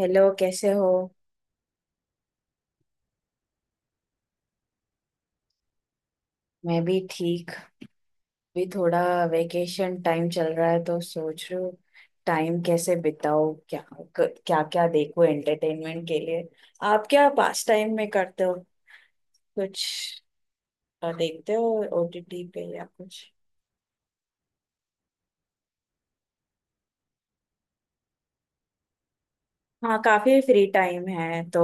Hello, कैसे हो। मैं भी ठीक। भी थोड़ा वेकेशन टाइम चल रहा है तो सोच रही हूँ टाइम कैसे बिताओ, क्या क्या क्या देखो एंटरटेनमेंट के लिए। आप क्या पास टाइम में करते हो, कुछ देखते हो ओटीटी पे या कुछ। हाँ, काफी फ्री टाइम है तो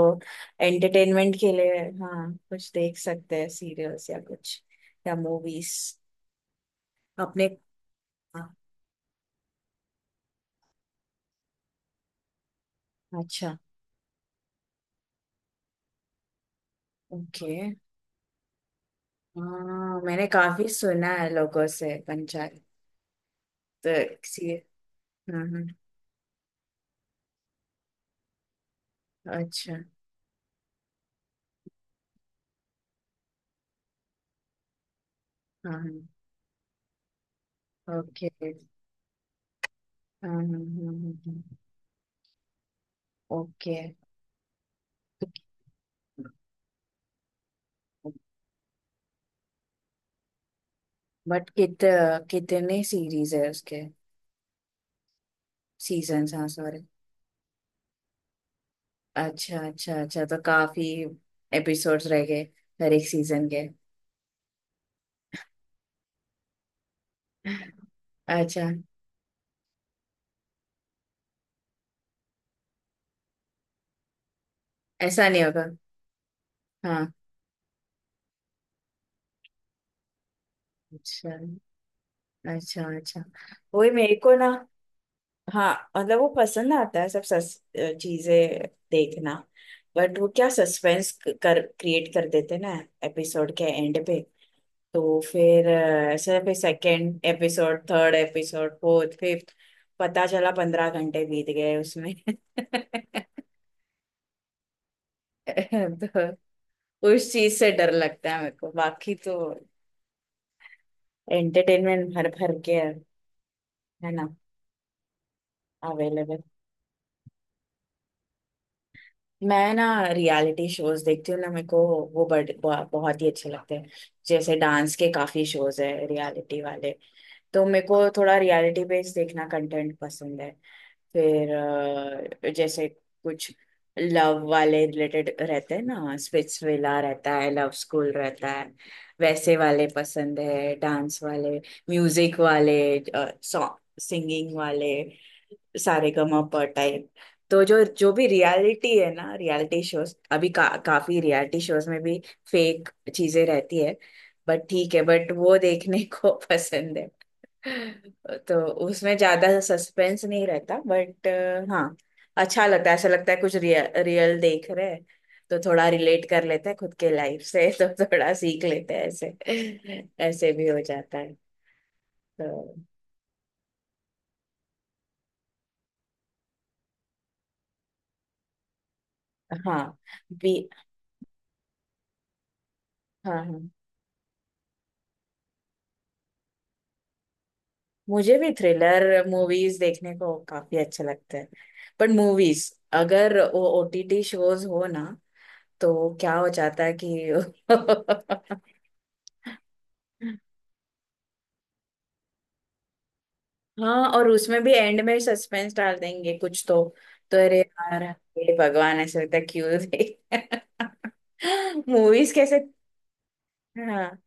एंटरटेनमेंट के लिए। हाँ, कुछ देख सकते हैं सीरियल्स या कुछ, या मूवीज अपने। हाँ। अच्छा। ओके। हाँ, मैंने काफी सुना है लोगों से पंचायत, तो किसी। हाँ हाँ। अच्छा। हाँ हाँ। ओके। हाँ हाँ हाँ, हाँ, हाँ। ओके। बट कित कितने सीरीज है उसके, सीजन्स हाँ सॉरी। अच्छा अच्छा अच्छा, तो काफी एपिसोड्स रह गए हर एक सीजन के। अच्छा। ऐसा नहीं होगा। हाँ। अच्छा अच्छा अच्छा। वही मेरे को ना। हाँ, मतलब वो पसंद आता है सब सस चीजें देखना। बट वो क्या सस्पेंस कर क्रिएट कर देते हैं ना एपिसोड के एंड पे। तो फिर ऐसे फिर second episode, third episode, fourth, fifth. पता चला 15 घंटे बीत गए उसमें तो उस चीज से डर लगता है मेरे को, बाकी तो एंटरटेनमेंट भर भर के है ना, अवेलेबल। मैं ना रियलिटी शोज देखती हूँ ना, मेरे को वो बड़, ब- बहुत ही अच्छे लगते हैं। जैसे डांस के काफी शोज है रियलिटी वाले, तो मेरे को थोड़ा रियलिटी बेस्ड देखना कंटेंट पसंद है। फिर जैसे कुछ लव वाले रिलेटेड रहते हैं ना, स्पिट्स विला रहता है, लव स्कूल रहता है, वैसे वाले पसंद है। डांस वाले, म्यूजिक वाले, सॉन्ग, सिंगिंग वाले, सारेगामापा टाइप। तो जो जो भी रियलिटी है ना, रियलिटी शोज अभी का, काफी रियलिटी शोज में भी फेक चीजें रहती है, बट ठीक है, बट वो देखने को पसंद है। तो उसमें ज्यादा सस्पेंस नहीं रहता बट, हाँ, अच्छा लगता है। ऐसा लगता है कुछ रियल रियल देख रहे हैं, तो थोड़ा रिलेट कर लेते हैं खुद के लाइफ से तो थोड़ा सीख लेते हैं ऐसे, ऐसे भी हो जाता है। तो हाँ भी, हाँ हाँ। मुझे भी थ्रिलर मूवीज देखने को काफी अच्छा लगता है। बट मूवीज अगर वो ओटीटी शोज हो ना, तो क्या हो जाता है कि हाँ, और उसमें भी एंड में सस्पेंस डाल देंगे कुछ तो अरे यार हे भगवान, ऐसा लगता है क्यों देख मूवीज कैसे। हाँ,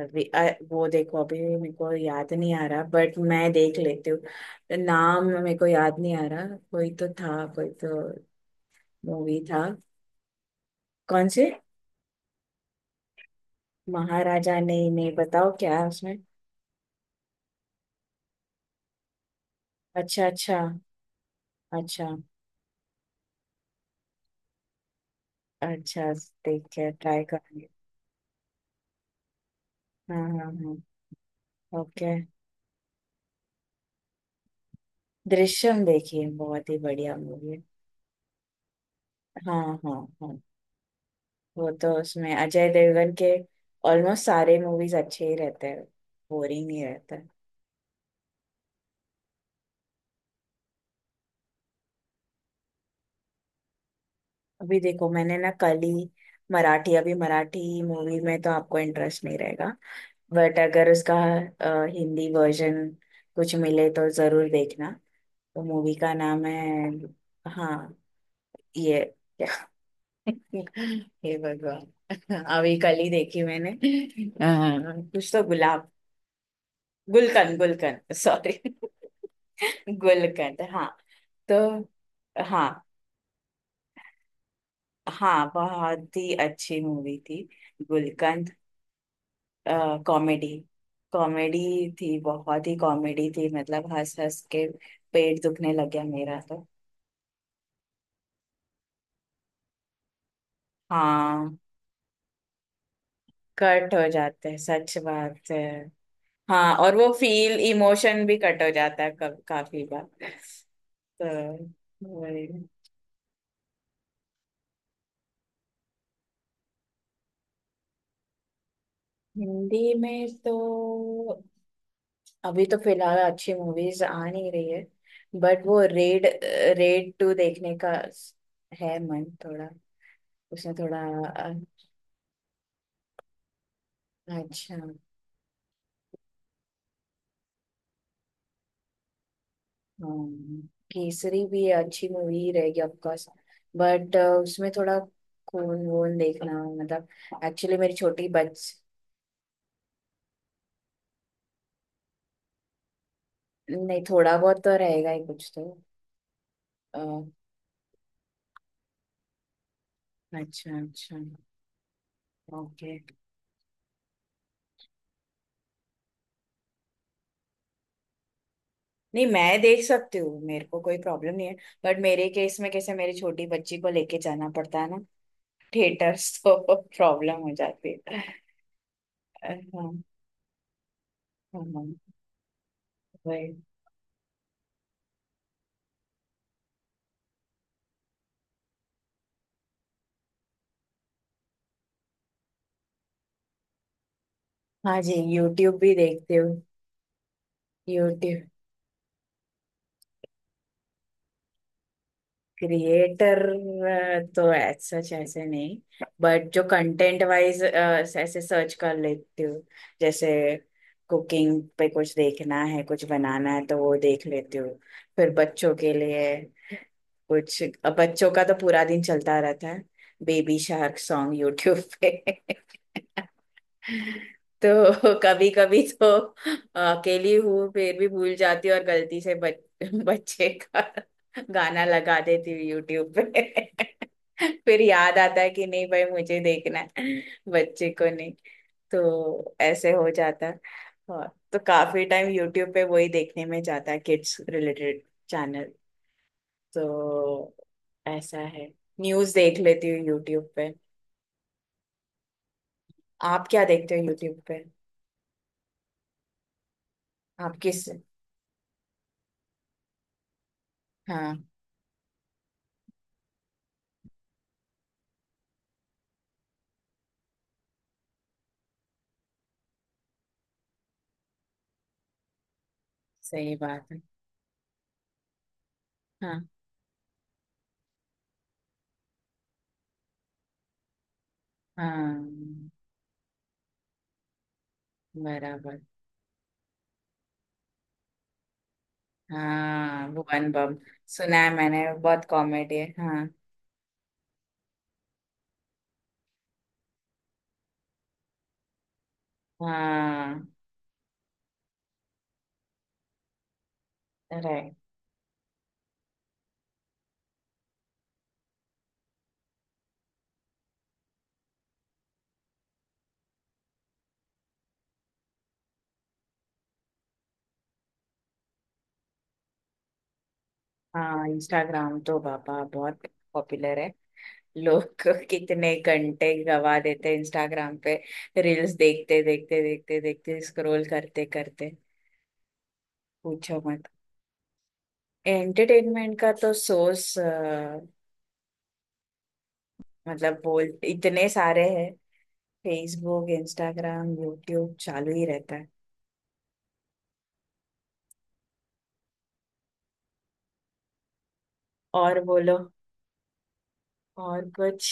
अभी वो देखो अभी मेरे को याद नहीं आ रहा बट, मैं देख लेती हूँ नाम, मेरे को याद नहीं आ रहा। कोई तो था, कोई तो मूवी था। कौन से। महाराजा, नहीं नहीं, बताओ क्या है उसमें। अच्छा अच्छा। अच्छा। अच्छा, ठीक है ट्राई करेंगे। हाँ हाँ हाँ। ओके। दृश्यम देखिए, बहुत ही बढ़िया मूवी है। हाँ हाँ हाँ, वो तो उसमें अजय देवगन के ऑलमोस्ट सारे मूवीज अच्छे ही रहते हैं, बोरिंग नहीं रहता। अभी देखो मैंने ना कल ही मराठी, अभी मराठी मूवी में तो आपको इंटरेस्ट नहीं रहेगा, बट अगर उसका हिंदी वर्जन कुछ मिले तो जरूर देखना। तो मूवी का नाम है। हाँ, ये हे भगवान, अभी कल ही देखी मैंने कुछ तो गुलाब, गुलकंद, गुलकंद सॉरी गुलकंद हाँ। तो हाँ, हाँ बहुत ही अच्छी मूवी थी, गुलकंद। कॉमेडी, कॉमेडी थी, बहुत ही कॉमेडी थी, मतलब हंस हंस के पेट दुखने लग गया मेरा तो। हाँ, कट हो जाते हैं, सच बात है। हाँ, और वो फील इमोशन भी कट हो जाता है कब, काफी बार। तो वही, हिंदी में तो अभी तो फिलहाल अच्छी मूवीज आ नहीं रही है। बट वो रेड, रेड टू देखने का स- है, मन थोड़ा, उसमें थोड़ा अ, अच्छा। हाँ, केसरी भी अच्छी मूवी रहेगी ऑफकोर्स, बट उसमें थोड़ा खून वून देखना, मतलब, एक्चुअली मेरी छोटी बच। नहीं, थोड़ा बहुत तो रहेगा ही कुछ तो अ, अच्छा अच्छा। ओके। नहीं, मैं देख सकती हूँ, मेरे को कोई प्रॉब्लम नहीं है। बट मेरे केस में कैसे, मेरी छोटी बच्ची को लेके जाना पड़ता है ना थिएटर्स तो प्रॉब्लम हो जाती है हाँ हाँ हाँ। वही। हाँ जी, यूट्यूब भी देखती हूँ। यूट्यूब। क्रिएटर तो एज सच ऐसे नहीं, बट जो कंटेंट वाइज ऐसे सर्च कर लेती हूँ। जैसे कुकिंग पे कुछ देखना है, कुछ बनाना है तो वो देख लेती हूँ। फिर बच्चों के लिए कुछ, अब बच्चों का तो पूरा दिन चलता रहता है बेबी शार्क सॉन्ग यूट्यूब पे तो कभी कभी तो अकेली हूँ फिर भी भूल जाती हूँ और गलती से बच, बच्चे का गाना लगा देती हूँ यूट्यूब पे फिर याद आता है कि नहीं भाई, मुझे देखना है बच्चे को नहीं। तो ऐसे हो जाता है। और तो काफी टाइम यूट्यूब पे वही देखने में जाता है, किड्स रिलेटेड चैनल, तो ऐसा है। न्यूज देख लेती हूँ यूट्यूब पे। आप क्या देखते हो यूट्यूब पे, आप किस। हाँ। सही बात है। हाँ हाँ। बराबर। हाँ, भुवन बम। सुना है मैंने, बहुत कॉमेडी है हाँ। हाँ। राइट। हाँ, इंस्टाग्राम तो बाबा बहुत पॉपुलर है। लोग कितने घंटे गवा देते हैं इंस्टाग्राम पे रील्स देखते देखते देखते देखते, स्क्रॉल करते करते, पूछो मत। एंटरटेनमेंट का तो सोर्स मतलब बोल इतने सारे हैं, फेसबुक, इंस्टाग्राम, यूट्यूब, चालू ही रहता है। और बोलो, और कुछ।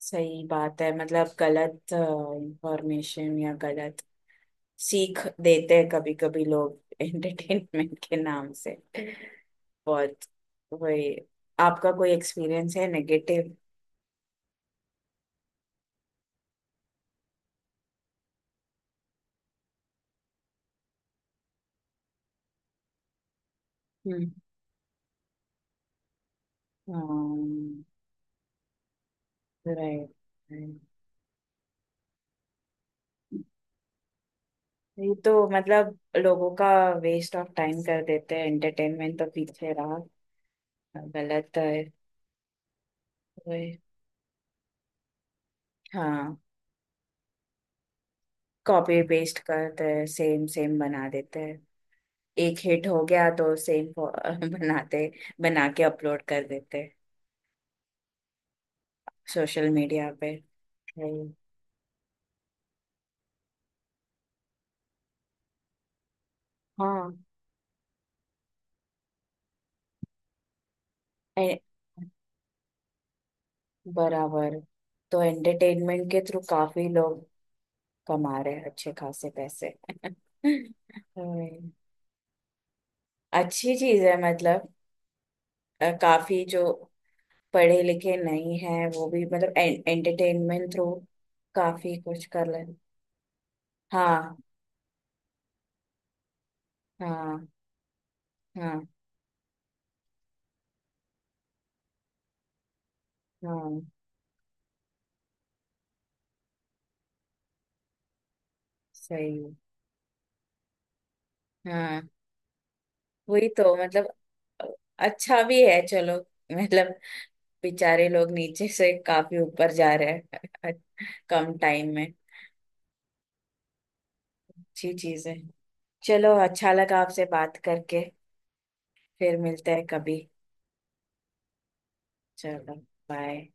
सही बात है, मतलब गलत इंफॉर्मेशन या गलत सीख देते हैं कभी कभी लोग एंटरटेनमेंट के नाम से बहुत। वही। आपका कोई एक्सपीरियंस है नेगेटिव। हम्म। राइट। ये तो मतलब लोगों का वेस्ट ऑफ टाइम कर देते हैं, एंटरटेनमेंट तो पीछे रहा, गलत है। वही। हाँ। कॉपी पेस्ट करते हैं, सेम सेम बना देते हैं। एक हिट हो गया तो सेम बनाते, बना के अपलोड कर देते सोशल मीडिया पे। हम्म। हाँ। ए- बराबर। तो एंटरटेनमेंट के थ्रू काफी लोग कमा रहे हैं अच्छे खासे पैसे। हम्म, अच्छी चीज है, मतलब काफी जो पढ़े लिखे नहीं है वो भी मतलब एंटरटेनमेंट थ्रू काफी कुछ कर ले। हाँ हाँ हाँ हाँ। सही। हाँ, वही तो मतलब, अच्छा भी है चलो। मतलब बेचारे लोग नीचे से काफी ऊपर जा रहे हैं कम टाइम में, अच्छी चीज है। चलो, अच्छा लगा आपसे बात करके, फिर मिलते हैं कभी। चलो, बाय।